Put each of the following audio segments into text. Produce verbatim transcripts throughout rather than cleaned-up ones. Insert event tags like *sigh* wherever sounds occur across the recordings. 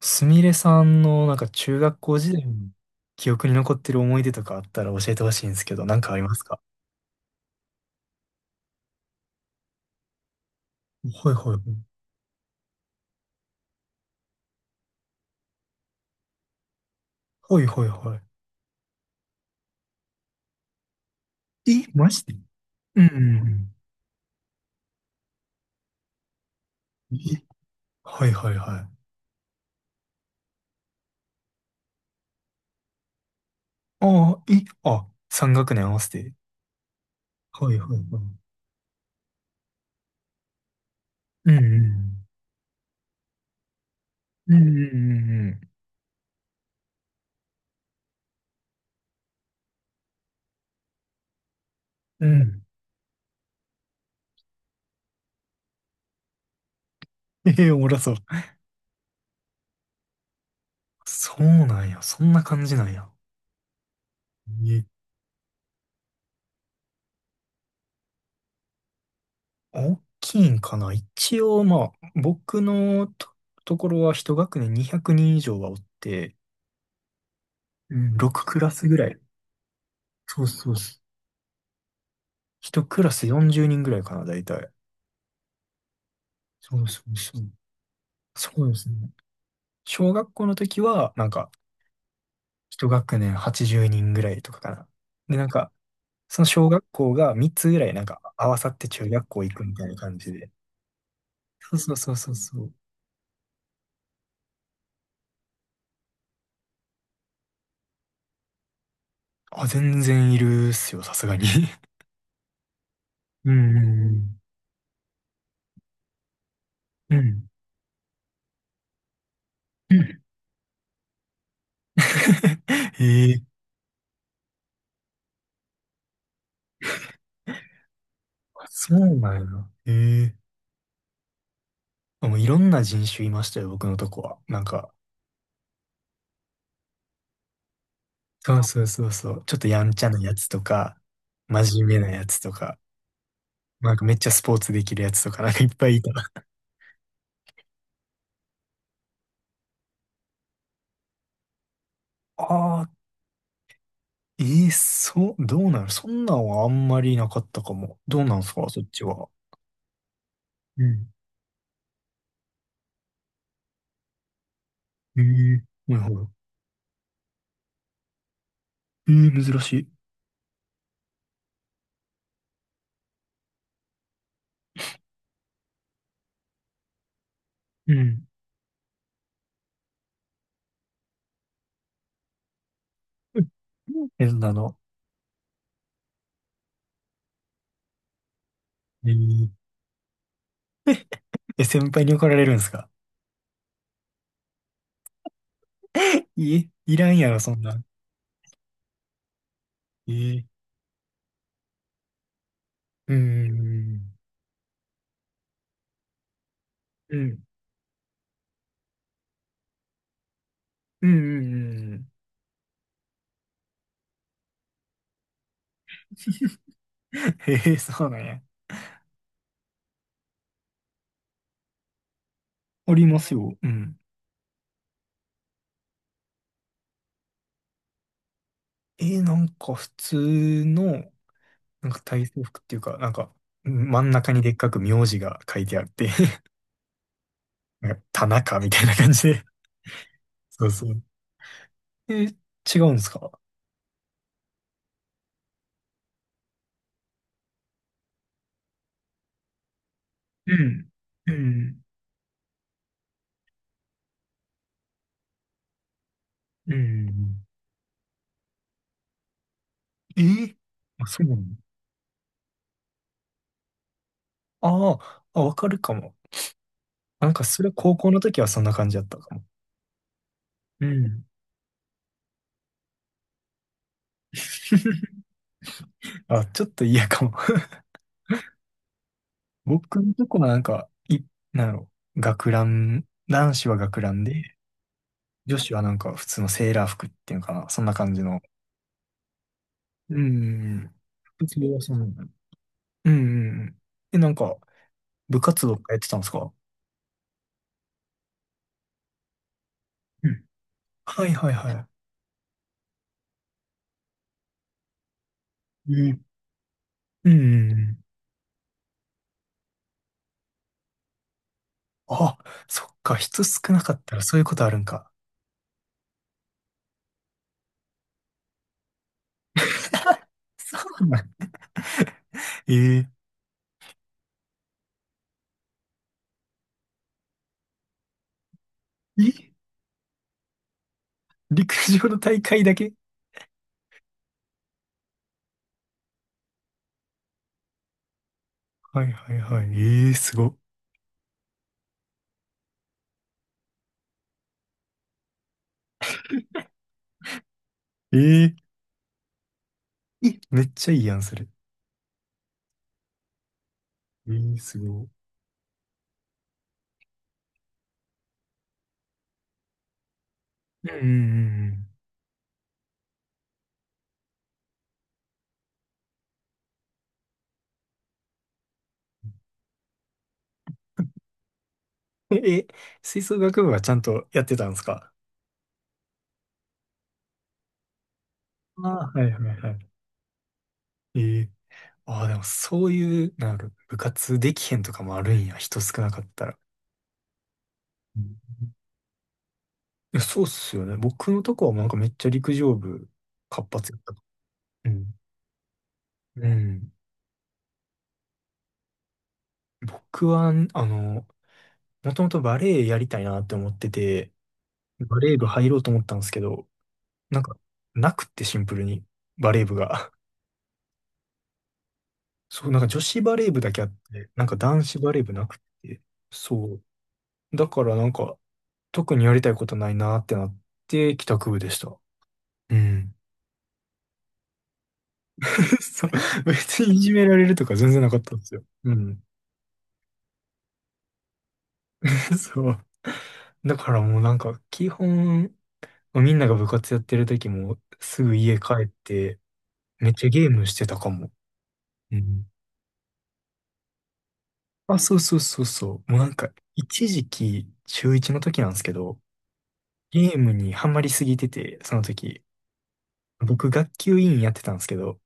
すみれさんのなんか中学校時代の記憶に残ってる思い出とかあったら教えてほしいんですけど、なんかありますか？はいはいはい。はいはいはい。え、マジで？うんうんうん。え、はいはいはい。ああ、え、あ、三学年合わせて。はいはいはい。うんうん。うんうんうんうん。うん。ええ、おもろそう。そうなんや。そんな感じなんや。え大きいんかな一応。まあ、僕のと、ところは一学年にひゃくにん以上はおって、うろくクラスぐらい。そうそうそう。一クラスよんじゅうにんぐらいかな、大体。そうそうそう。そうですね。小学校の時は、なんか、一学年はちじゅうにんぐらいとかかな。で、なんか、その小学校がみっつぐらい、なんか、合わさって中学校行くみたいな感じで。そうそうそうそうそう。あ、全然いるっすよ、さすがに。*laughs* うんうんうん。うん。*laughs* ええ、そうなんや。ええ。あ、もういろんな人種いましたよ、僕のとこは。なんか、そうそうそうそう。ちょっとやんちゃなやつとか、真面目なやつとか、なんかめっちゃスポーツできるやつとか、なんかいっぱいいた。ああ、ええ、そう。どうなの？そんなんはあんまりなかったかも。どうなんすか、そっちは？うん。ええ、はいはい。ええ、珍しい。うん。え、そんなの。えええ、先輩に怒られるんですか？ *laughs* いえ、いらんやろ、そんなん。ええ。うーん。うん。うん、うん、うんうん。*laughs* へえ、そうなんや。ありますよ。うん。えー、なんか普通の、なんか体操服っていうか、なんか、うん、真ん中にでっかく名字が書いてあって *laughs* なんか田中みたいな感じで。*laughs* そうそう。えー、違うんですか？うん。うん。うん。えーあ、そうなの？あーあ、わかるかも。なんかそれ高校の時はそんな感じだったかも。うん。*laughs* あ、ちょっと嫌かも。僕のとこはなんか、い、なんやろ、学ラン、男子は学ランで、女子はなんか普通のセーラー服っていうのかな、そんな感じの。うん。服装はそうなんだ。うんうんうん。えなんか、部活動とかやってたんですか？うん。はいはいはい。うん。うんうんうん。あ、そっか、人少なかったらそういうことあるんか。そうなん？ *laughs* えええ、陸上の大会だけ？はいはいはい。えー、すご。えええ、めっちゃいいやん、それ。えー、すご。うんうんうん。*laughs* え、吹奏楽部はちゃんとやってたんですか？ああ、はいはいはい。ええ。ああ、でもそういう、なんか部活できへんとかもあるんや、人少なかったら。うん。いや、そうっすよね。僕のとこはもうなんかめっちゃ陸上部活発やったと。うん。うん。僕は、あの、もともとバレエやりたいなって思ってて、バレエ部入ろうと思ったんですけど、なんか、なくってシンプルに、バレエ部が。そう、なんか女子バレー部だけあって、なんか男子バレー部なくて、そう。だからなんか、特にやりたいことないなってなって、帰宅部でした。うん。*laughs* そう。別にいじめられるとか全然なかったんですよ。うん。*laughs* そう。だからもうなんか、基本、みんなが部活やってる時も、すぐ家帰って、めっちゃゲームしてたかも。うん。あ、そうそうそうそう。もうなんか、一時期、ちゅういちの時なんですけど、ゲームにハマりすぎてて、その時。僕、学級委員やってたんですけど、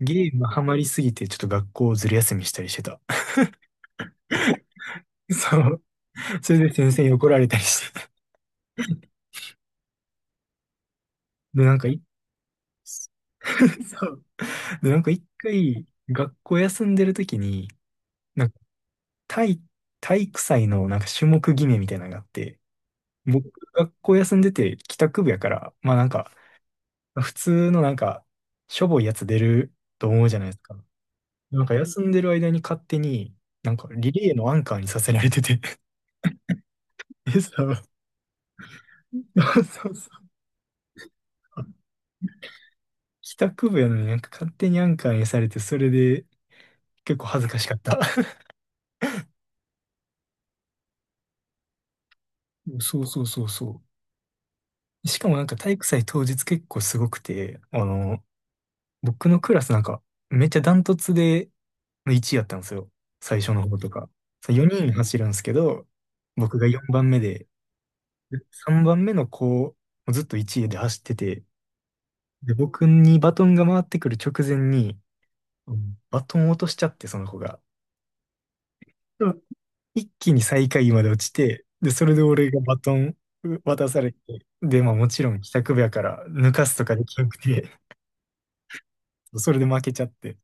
ゲームハマりすぎて、ちょっと学校ずる休みしたりしてた。*laughs* そう。それで先生に怒られたりして。*laughs* で、なんかい、*laughs* そう。で、なんか一回、学校休んでる時に、なんか体、体育祭のなんか種目決めみたいなのがあって、僕、学校休んでて帰宅部やから、まあなんか、普通のなんか、しょぼいやつ出ると思うじゃないですか。なんか休んでる間に勝手に、なんかリレーのアンカーにさせられてて。*laughs* え、そう。*laughs* そうそう。あ、帰宅部やのになんか勝手にアンカーにされて、それで結構恥ずかしかった。*laughs* そうそうそうそう。しかもなんか体育祭当日結構すごくて、あの、僕のクラスなんかめっちゃダントツでいちいやったんですよ。最初の方とか。そうよにん走るんですけど、僕がよんばんめで、でさんばんめの子、もうずっといちいで走ってて、で、僕にバトンが回ってくる直前に、バトンを落としちゃって、その子が。一気に最下位まで落ちて、で、それで俺がバトン渡されて、で、まあもちろん帰宅部やから抜かすとかできなくて、*laughs* それで負けちゃって。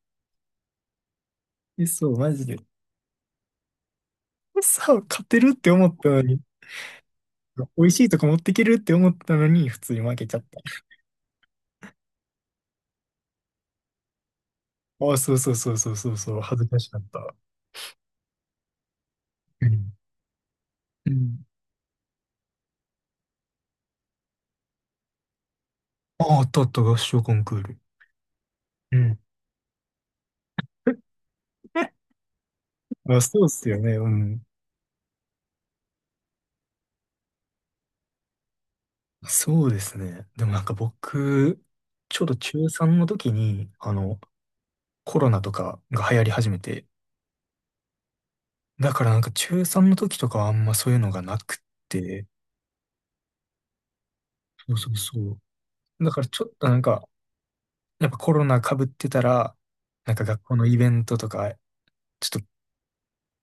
え、そう、マジで。さあ、勝てるって思ったのに、美味しいとこ持ってけるって思ったのに、普通に負けちゃった。あ、そうそうそうそうそうそう、恥ずかしかった。うん。うん。あ、あったあった、合唱コンクール。うん。*laughs* あ、そうっすよね。うん。そうですね。でもなんか僕、ちょうど中さんの時に、あの、コロナとかが流行り始めて、だからなんか中さんの時とかはあんまそういうのがなくって、そうそうそう。だからちょっとなんか、やっぱコロナ被ってたら、なんか学校のイベントとか、ちょっ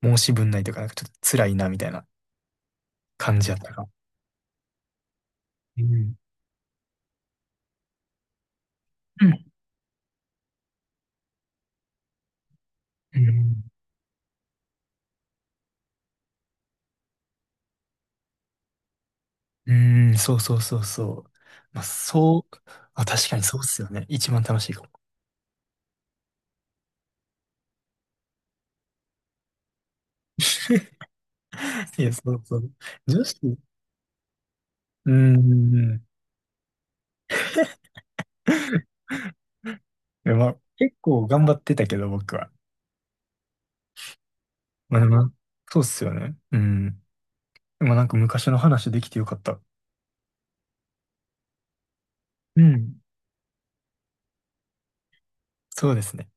と申し分ないとか、なんかちょっと辛いなみたいな感じやったか。うん。うん。うん、うん、そうそうそうそう。まあ、そう、あ、確かにそうっすよね。一番楽しいかも。*laughs* いや、そうそう。女子、うん。でまあ、結構頑張ってたけど、僕は。まあでも、そうっすよね。うん。でもなんか昔の話できてよかった。うん。そうですね。